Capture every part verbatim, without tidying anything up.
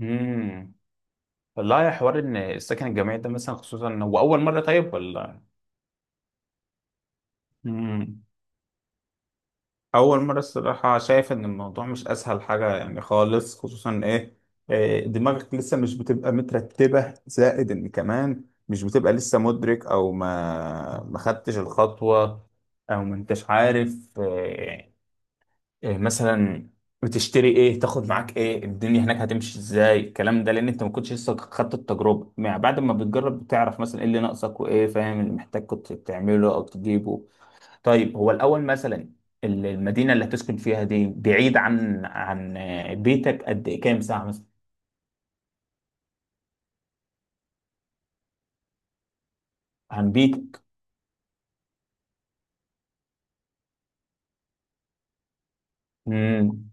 امم والله يا حوار ان السكن الجامعي ده مثلا، خصوصا إن هو اول مره. طيب، ولا؟ امم. اول مره، الصراحه شايف ان الموضوع مش اسهل حاجه يعني خالص، خصوصا ايه؟ إيه، دماغك لسه مش بتبقى مترتبه، زائد ان كمان مش بتبقى لسه مدرك او ما ما خدتش الخطوه، او ما انتش عارف. آه، إيه مثلا؟ بتشتري ايه، تاخد معاك ايه، الدنيا هناك هتمشي ازاي، الكلام ده. لان انت ما كنتش لسه خدت التجربه. مع بعد ما بتجرب بتعرف مثلا ايه اللي ناقصك، وايه فاهم اللي محتاج كنت تعمله او تجيبه. طيب هو الاول مثلا، ال- المدينه اللي هتسكن فيها دي بعيد عن عن بيتك قد ايه؟ كام ساعه مثلا؟ عن بيتك. امم.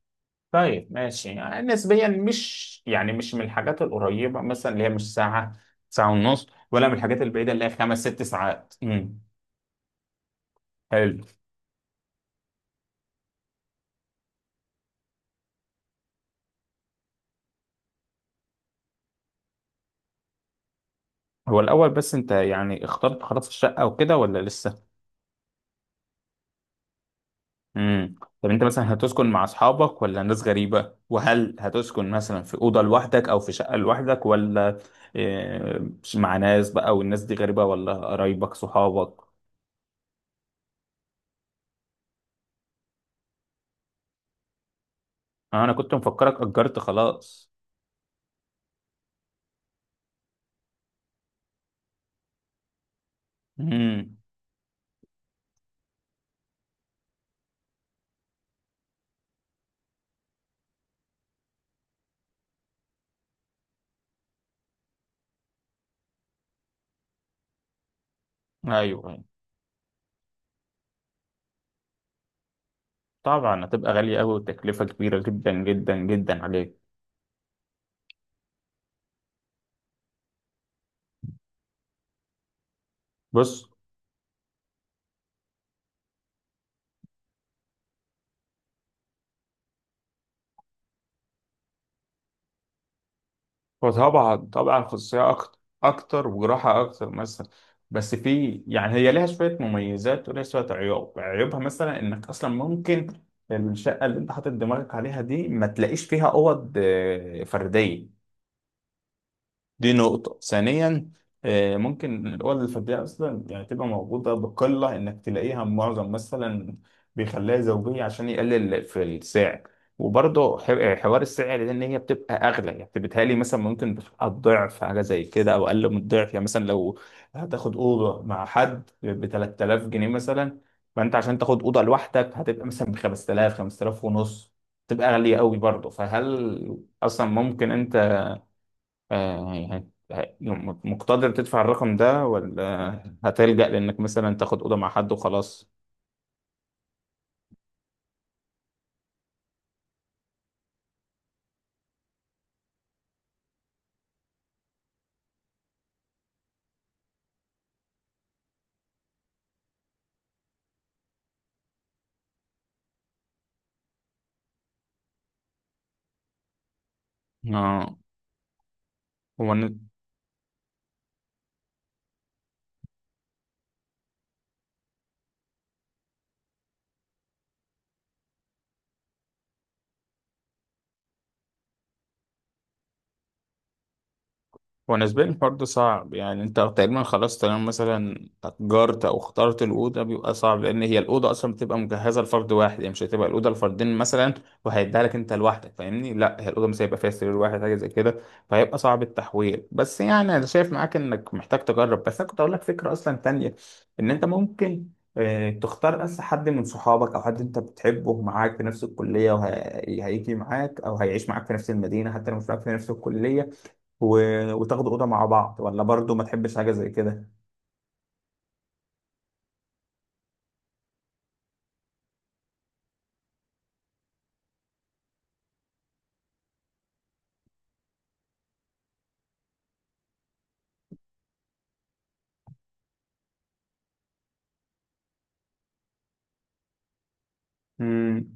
طيب ماشي، يعني نسبيا مش يعني مش من الحاجات القريبه مثلا، اللي هي مش ساعه، ساعه ونص. ولا من الحاجات البعيده اللي هي خمس ست ساعات. امم. حلو. هو الأول بس أنت يعني اخترت خلاص الشقة وكده ولا لسه؟ امم. طب أنت مثلا هتسكن مع أصحابك ولا ناس غريبة؟ وهل هتسكن مثلا في أوضة لوحدك أو في شقة لوحدك ولا؟ آه، مع ناس بقى، والناس دي غريبة ولا قرايبك صحابك؟ آه، أنا كنت مفكرك أجرت خلاص. امم. أيوه أيوه، طبعا هتبقى غالية أوي، وتكلفة كبيرة جدا جدا جدا عليك. بص، وطبعا طبعا خصوصية أكتر، أكتر وجراحة أكتر مثلا. بس في يعني هي ليها شوية مميزات وليها شوية عيوب. عيوبها مثلا إنك أصلا ممكن الشقة اللي أنت حاطط دماغك عليها دي ما تلاقيش فيها أوض آه، فردية. دي نقطة ثانيا، آه، ممكن الأوض الفردية أصلا يعني تبقى موجودة بقلة، إنك تلاقيها معظم مثلا بيخليها زوجية عشان يقلل في السعر. وبرضه ح- آه، حوار السعر ده إن هي بتبقى أغلى، يعني بتهيألي مثلا ممكن بتبقى الضعف حاجة زي كده أو أقل من الضعف. يعني مثلا لو هتاخد أوضة مع حد ب تلات آلاف جنيه مثلا، فأنت عشان تاخد أوضة لوحدك هتبقى مثلا ب خمس آلاف، خمس آلاف ونص. تبقى غالية قوي برضه. فهل أصلا ممكن، آه، هي- هي- يوم- مقتدر تدفع الرقم ده ولا هتلجأ لإنك مثلا تاخد أوضة مع حد وخلاص؟ آه، هو هو بالنسبة لي الحوار ده صعب. يعني انت تقريبا خلاص تمام مثلا أجرت أو اخترت الأوضة، بيبقى صعب لأن هي الأوضة أصلا بتبقى مجهزة لفرد واحد، يعني مش هتبقى الأوضة لفردين مثلا وهيديها لك أنت لوحدك، فاهمني؟ لا، هي الأوضة مثلا هيبقى فيها سرير واحد، حاجة زي كده. فهيبقى صعب التحويل. بس يعني أنا شايف معاك إنك محتاج تجرب. بس أنا كنت أقول لك فكرة أصلا تانية، إن أنت ممكن آه، تختار بس حد من صحابك او حد انت بتحبه معاك في نفس الكليه، وهيجي معاك او هيعيش معاك في نفس المدينه، حتى لو مش معاك في نفس الكليه. و... وتاخدوا اوضه مع بعض، ولا برضو ما تحبش حاجه زي كده؟ مم.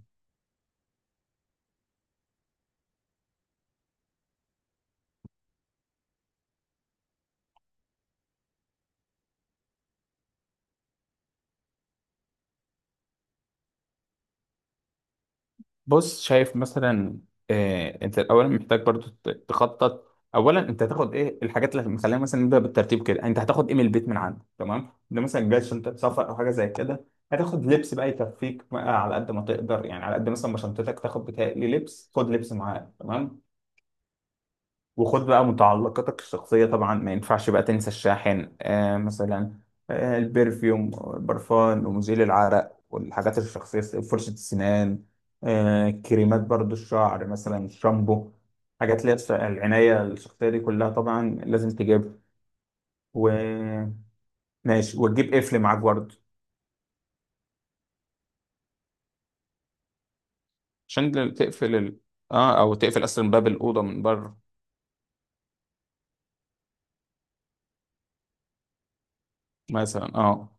بص، شايف مثلا، آه، انت الاول محتاج برضو ت- تخطط. اولا انت هتاخد ايه الحاجات، اللي مخلينا مثلا نبدا بالترتيب كده. انت هتاخد ايه من البيت من عندك؟ تمام، ده مثلا جاي شنطه سفر او حاجه زي كده. هتاخد لبس بقى يكفيك بقى على قد ما تقدر، يعني على قد مثلا ما شنطتك تاخد بتاعي لبس. خد لبس معاك، تمام. وخد بقى متعلقاتك الشخصية. طبعا ما ينفعش بقى تنسى الشاحن آه مثلا، آه البرفيوم، البرفان ومزيل العرق والحاجات الشخصية، فرشة السنان، آه كريمات برضو الشعر مثلا، الشامبو. حاجات اللي هي الش- العناية الشخصية دي كلها طبعا لازم تجيبها. وماشي، وتجيب قفل معاك برضو، عشان تقفل ال... اه، او تقفل اصلا باب الأوضة من بره مثلا، اه.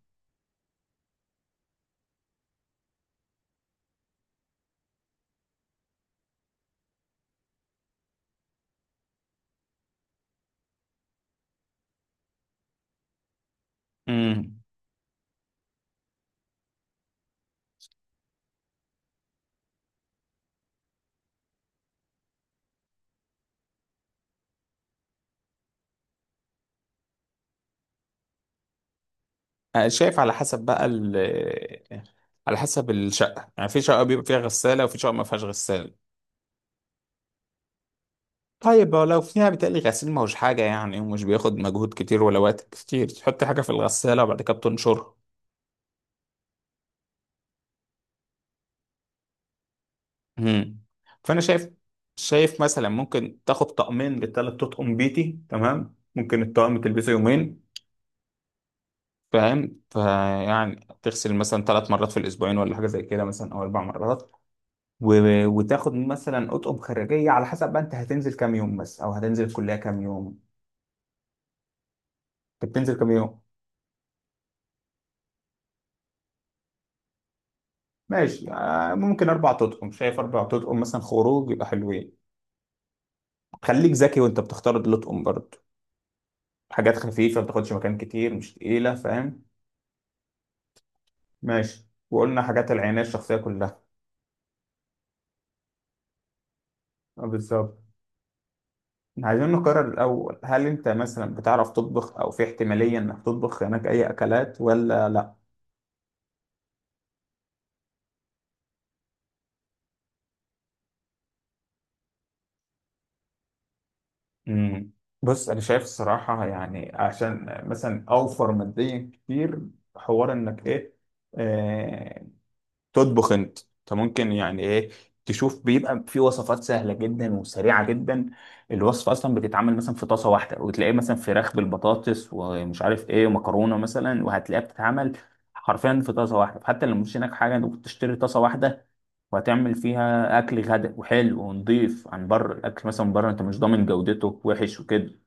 امم. أنا شايف على حسب بقى ال على حسب الشقة. يعني في شقة بيبقى فيها غسالة، وفي شقة ما فيهاش غسالة. طيب لو فيها بتقلي غسيل، ما هوش حاجة يعني، ومش بياخد مجهود كتير ولا وقت كتير. تحط حاجة في الغسالة وبعد كده بتنشرها. مم. فأنا شايف شايف مثلا ممكن تاخد طقمين للتلات تطقم بيتي، تمام. ممكن الطقم تلبسه يومين، فاهم؟ فيعني تغسل مثلا ثلاث مرات في الأسبوعين، ولا حاجة زي كده مثلا، أو أربع مرات. و- وتاخد مثلا اطقم خارجيه على حسب بقى انت هتنزل كام يوم بس، او هتنزل الكليه كام يوم. انت بتنزل كام يوم؟ ماشي، آه، ممكن اربع تطقم، شايف اربع تطقم مثلا خروج يبقى حلوين. خليك ذكي وانت بتختار الاطقم برضه، حاجات خفيفه ما بتاخدش مكان كتير، مش تقيله، فاهم؟ ماشي. وقلنا حاجات العنايه الشخصيه كلها. آه، بالظبط. إحنا عايزين نقرر الاول، هل انت مثلا بتعرف تطبخ، او في احتماليه انك تطبخ هناك اي اكلات ولا؟ مم. بص، انا شايف الصراحه، يعني عشان مثلا اوفر ماديا كتير، حوار انك ايه، آه، تطبخ انت. انت ممكن يعني ايه، تشوف بيبقى في وصفات سهله جدا وسريعه جدا. الوصفه اصلا بتتعمل مثلا في طاسه واحده، وتلاقيه مثلا فراخ بالبطاطس ومش عارف ايه، ومكرونه مثلا وهتلاقيها بتتعمل حرفيا في طاسه واحده. حتى لو مش هناك حاجه، انت ممكن تشتري طاسه واحده وهتعمل فيها اكل غدا، وحلو ونضيف. عن بره، الاكل مثلا من بره انت مش ضامن جودته، وحش وكده.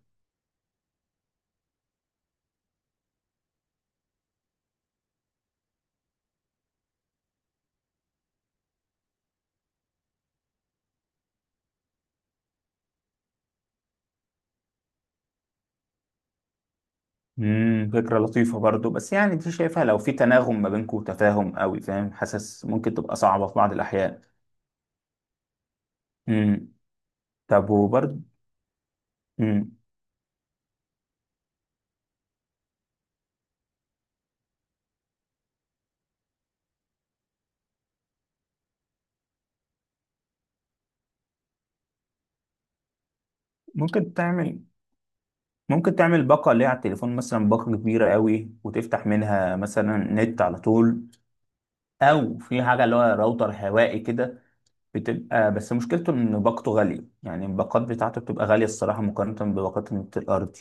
امم. فكره لطيفه برضو، بس يعني دي شايفها لو في تناغم ما بينكم وتفاهم قوي، فاهم؟ حاسس ممكن تبقى صعبه في بعض الاحيان. امم. طب وبرضو، امم، ممكن تعمل ممكن تعمل باقه اللي هي على التليفون مثلا، باقه كبيره قوي، وتفتح منها مثلا نت على طول. او في حاجه اللي هو راوتر هوائي كده، بتبقى بس مشكلته ان باقته غاليه، يعني الباقات بتاعته بتبقى غاليه الصراحه، مقارنه بباقات النت الارضي.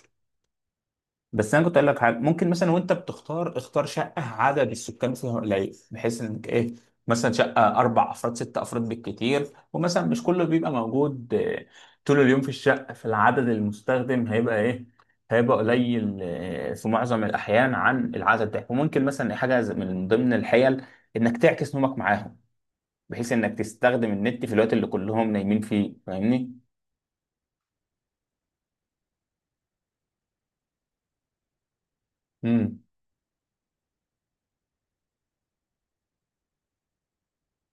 بس انا كنت اقول لك حاجه، ممكن مثلا وانت بتختار، اختار شقه عدد السكان فيها قليل، بحيث انك ايه، مثلا شقه اربع افراد، ست افراد بالكتير. ومثلا مش كله بيبقى موجود آه، طول اليوم في الشقه، فالعدد المستخدم هيبقى ايه، هيبقى قليل آه، في معظم الاحيان عن العدد ده. وممكن مثلا حاجه زي- من ضمن الحيل انك تعكس نومك معاهم، بحيث انك تستخدم النت في الوقت اللي كلهم نايمين فيه، فاهمني؟ امم.